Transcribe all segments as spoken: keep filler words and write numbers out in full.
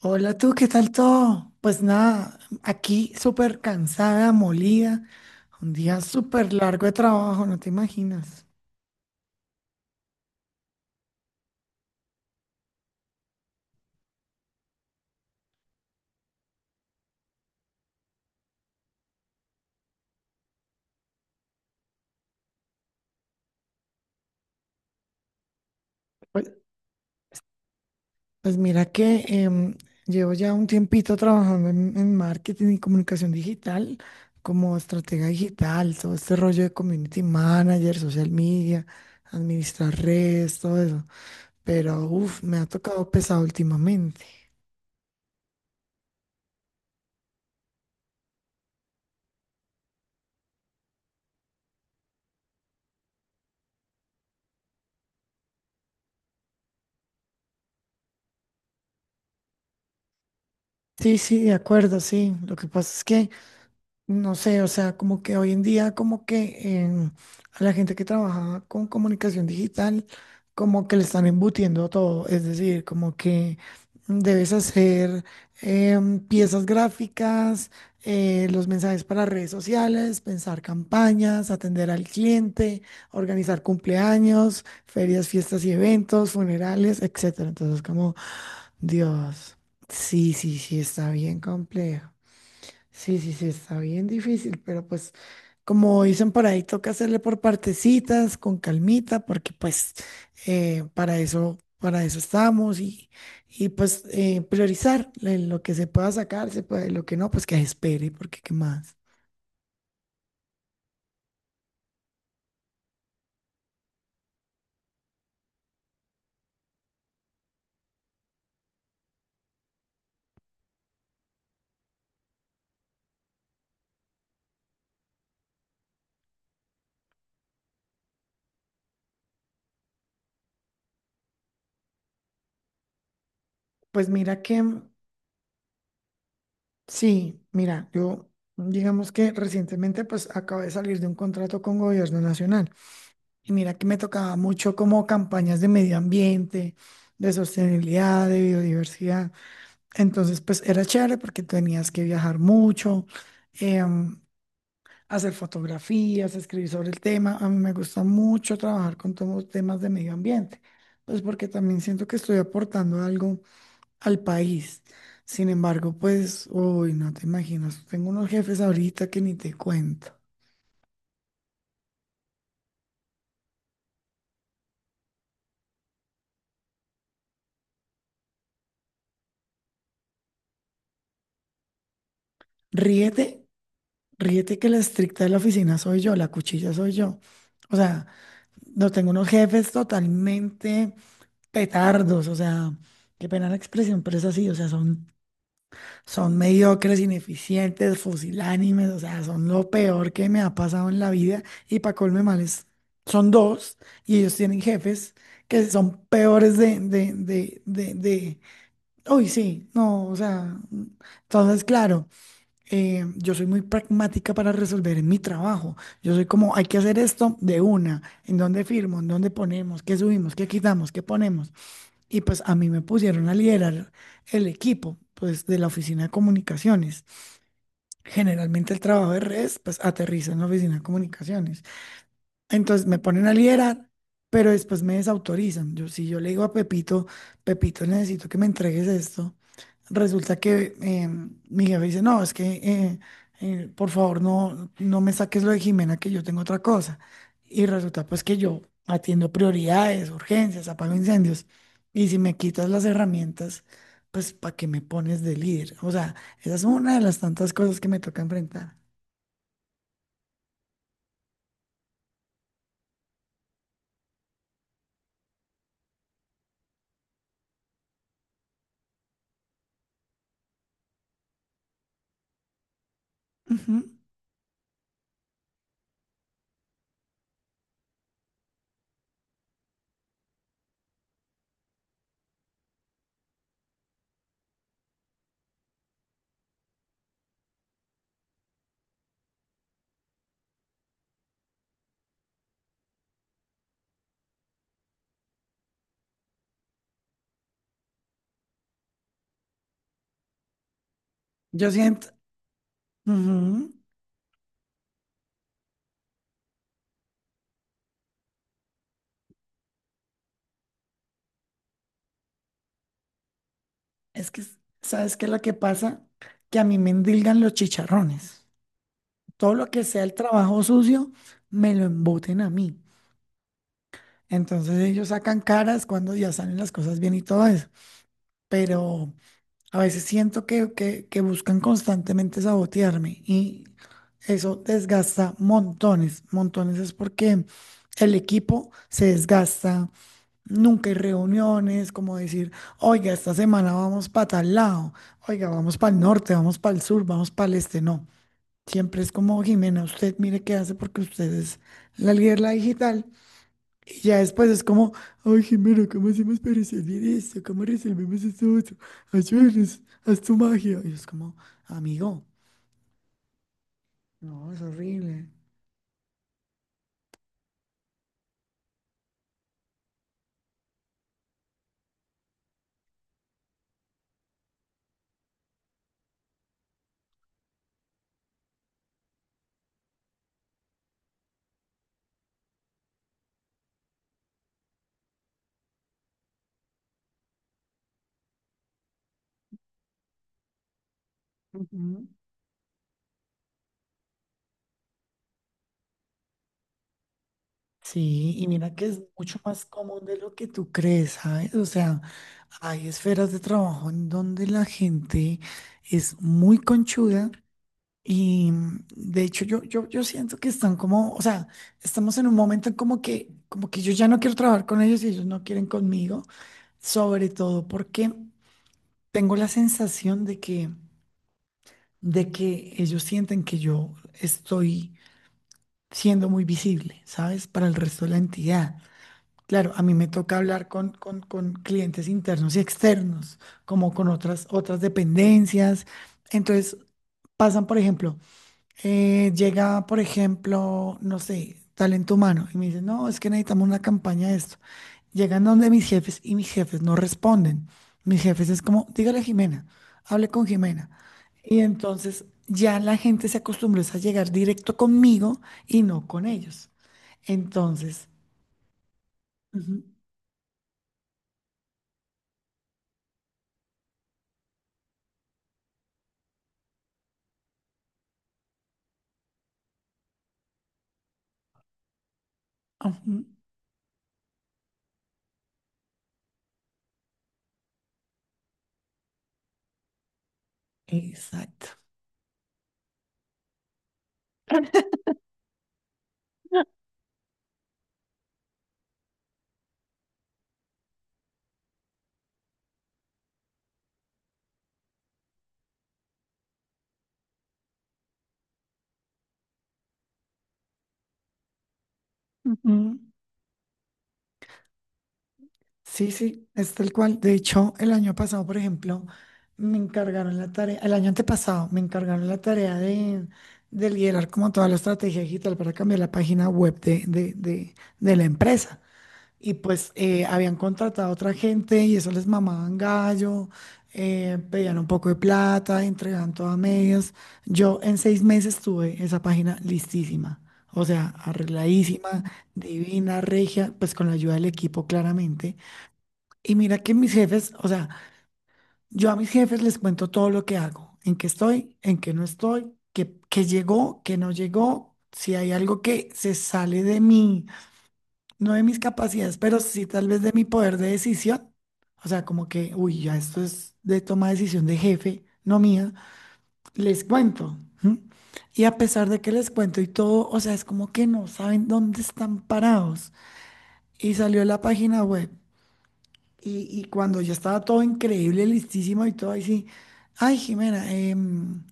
Hola tú, ¿qué tal todo? Pues nada, aquí súper cansada, molida, un día súper largo de trabajo, no te imaginas. Pues, pues mira que em, llevo ya un tiempito trabajando en, en marketing y comunicación digital, como estratega digital, todo este rollo de community manager, social media, administrar redes, todo eso. Pero uff, me ha tocado pesado últimamente. Sí, sí, de acuerdo, sí. Lo que pasa es que no sé, o sea, como que hoy en día, como que em, a la gente que trabaja con comunicación digital, como que le están embutiendo todo, es decir, como que debes hacer em, piezas gráficas, eh, los mensajes para redes sociales, pensar campañas, atender al cliente, organizar cumpleaños, ferias, fiestas y eventos, funerales, etcétera. Entonces, como, Dios, sí, sí, sí, está bien complejo. Sí, sí, sí, está bien difícil, pero pues como dicen por ahí, toca hacerle por partecitas, con calmita, porque pues eh, para eso, para eso estamos y, y pues eh, priorizar le- lo que se pueda sacar, se puede, lo que no, pues que espere, porque qué más. Pues mira que, mm, sí, mira, yo digamos que recientemente pues acabé de salir de un contrato con Gobierno Nacional y mira que me tocaba mucho como campañas de medio ambiente, de sostenibilidad, de biodiversidad. Entonces, pues era chévere porque tenías que viajar mucho, em, hacer fotografías, escribir sobre el tema. A mí me gusta mucho trabajar con todos los temas de medio ambiente, pues porque también siento que estoy aportando algo al país. Sin embargo, pues, uy, no te imaginas, tengo unos jefes ahorita que ni te cuento. Ríete, ríete que la estricta de la oficina soy yo, la cuchilla soy yo. O sea, no tengo unos jefes totalmente petardos, o sea, qué pena la expresión, pero es así, o sea, son, son mediocres, ineficientes, fusilánimes, o sea, son lo peor que me ha pasado en la vida y para colme males son dos y ellos tienen jefes que son peores de, de, de, de, de- Uy, sí, no, o sea, entonces, claro. eh, yo soy muy pragmática para resolver en mi trabajo. Yo soy como, hay que hacer esto de una, en dónde firmo, en dónde ponemos, qué subimos, qué quitamos, qué ponemos. Y pues a mí me pusieron a liderar el equipo, pues de la oficina de comunicaciones. Generalmente el trabajo de redes, pues aterriza en la oficina de comunicaciones. Entonces me ponen a liderar, pero después me desautorizan. Yo, si yo le digo a Pepito, Pepito, necesito que me entregues esto, resulta que eh, mi jefe dice, no, es que eh, eh, por favor no, no me saques lo de Jimena, que yo tengo otra cosa. Y resulta pues que yo atiendo prioridades, urgencias, apago incendios. Y si me quitas las herramientas, pues ¿para qué me pones de líder? O sea, esa es una de las tantas cosas que me toca enfrentar. Ujú. Yo siento... ujú. Es que, ¿sabes qué es lo que pasa? Que a mí me endilgan los chicharrones. Todo lo que sea el trabajo sucio, me lo emboten a mí. Entonces ellos sacan caras cuando ya salen las cosas bien y todo eso. Pero a veces siento que, que, que buscan constantemente sabotearme y eso desgasta montones, montones. Es porque el equipo se desgasta, nunca hay reuniones, como decir, oiga, esta semana vamos para tal lado, oiga, vamos para el norte, vamos para el sur, vamos para el este, no. Siempre es como, Jimena, usted mire qué hace porque usted es la líder, la digital. Y ya después es como, ay, Jimena, ¿cómo hacemos para resolver esto? ¿Cómo resolvemos esto otro? Ayúdenos, haz tu magia. Y es como, amigo, no, es horrible. Ujú. Sí, y mira que es mucho más común de lo que tú crees, ¿sabes? O sea, hay esferas de trabajo en donde la gente es muy conchuda y mm, de hecho yo, yo, yo siento que están como, o sea, estamos en un momento como que, como que yo ya no quiero trabajar con ellos y ellos no quieren conmigo, sobre todo porque tengo la sensación de que, de que ellos sienten que yo estoy siendo muy visible, ¿sabes? Para el resto de la entidad. Claro, a mí me toca hablar con, con, con clientes internos y externos, como con otras, otras dependencias. Entonces, pasan, por ejemplo, eh, llega, por ejemplo, no sé, talento humano y me dicen, no, es que necesitamos una campaña de esto. Llegan donde mis jefes y mis jefes no responden. Mis jefes es como, dígale a Jimena, hable con Jimena. Y entonces ya la gente se acostumbró es a llegar directo conmigo y no con ellos. Entonces, ujú, ujú. Exacto. Ujú. Sí, sí, es tal cual. De hecho, el año pasado, por ejemplo, me encargaron la tarea, el año antepasado, me encargaron la tarea de, de liderar como toda la estrategia digital para cambiar la página web de, de, de, de la empresa. Y pues eh, habían contratado a otra gente y eso les mamaban gallo, eh, pedían un poco de plata, entregaban todo a medias. Yo en seis meses tuve esa página listísima, o sea, arregladísima, divina, regia, pues con la ayuda del equipo claramente. Y mira que mis jefes, o sea, yo a mis jefes les cuento todo lo que hago, en qué estoy, en qué no estoy, qué, qué llegó, qué no llegó, si hay algo que se sale de mí no de mis capacidades, pero sí tal vez de mi poder de decisión. O sea, como que, uy, ya esto es de toma de decisión de jefe, no mía. Les cuento. ¿M? Y a pesar de que les cuento y todo, o sea, es como que no saben dónde están parados. Y salió la página web. Y, y cuando ya estaba todo increíble, listísimo y todo, ahí sí, ay, Jimena, em,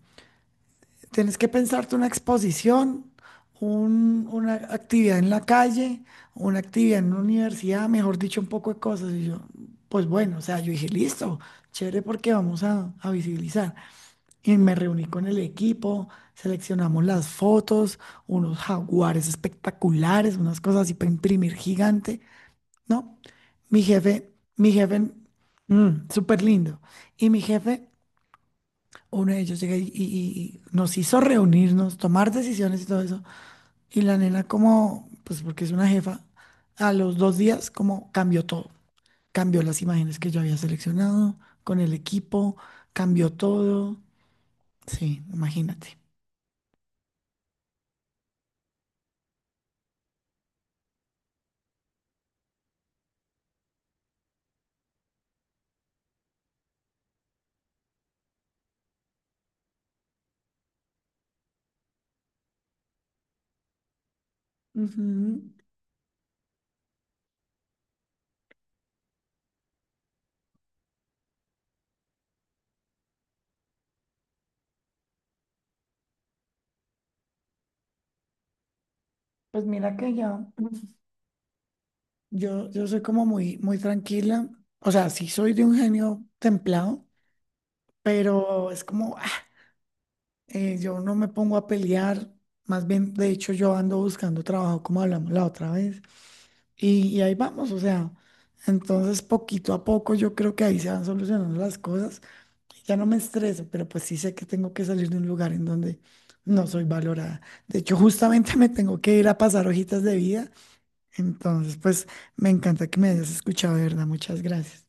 tienes que pensarte una exposición, un- una actividad en la calle, una actividad en una universidad, mejor dicho, un poco de cosas. Y yo, pues bueno, o sea, yo dije, listo, chévere porque vamos a, a visibilizar. Y me reuní con el equipo, seleccionamos las fotos, unos jaguares espectaculares, unas cosas así para imprimir gigante, ¿no? Mi jefe, mi jefe, mm, súper lindo. Y mi jefe uno de ellos llega y, y- y nos hizo reunirnos, tomar decisiones y todo eso. Y la nena como, pues porque es una jefa, a los dos días como cambió todo. Cambió las imágenes que yo había seleccionado con el equipo, cambió todo. Sí, imagínate. Ujú. Pues mira que ya, yo, yo soy como muy, muy tranquila. O sea, sí soy de un genio templado, pero es como eh, yo no me pongo a pelear, más bien, de hecho, yo ando buscando trabajo, como hablamos la otra vez, y, y ahí vamos, o sea, entonces poquito a poco yo creo que ahí se van solucionando las cosas, ya no me estreso, pero pues sí sé que tengo que salir de un lugar en donde no soy valorada. De hecho, justamente me tengo que ir a pasar hojitas de vida, entonces pues me encanta que me hayas escuchado, de verdad, muchas gracias.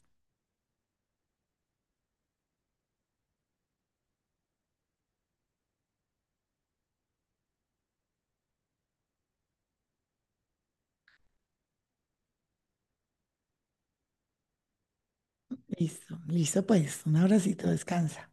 Listo, listo pues, un abracito, descansa.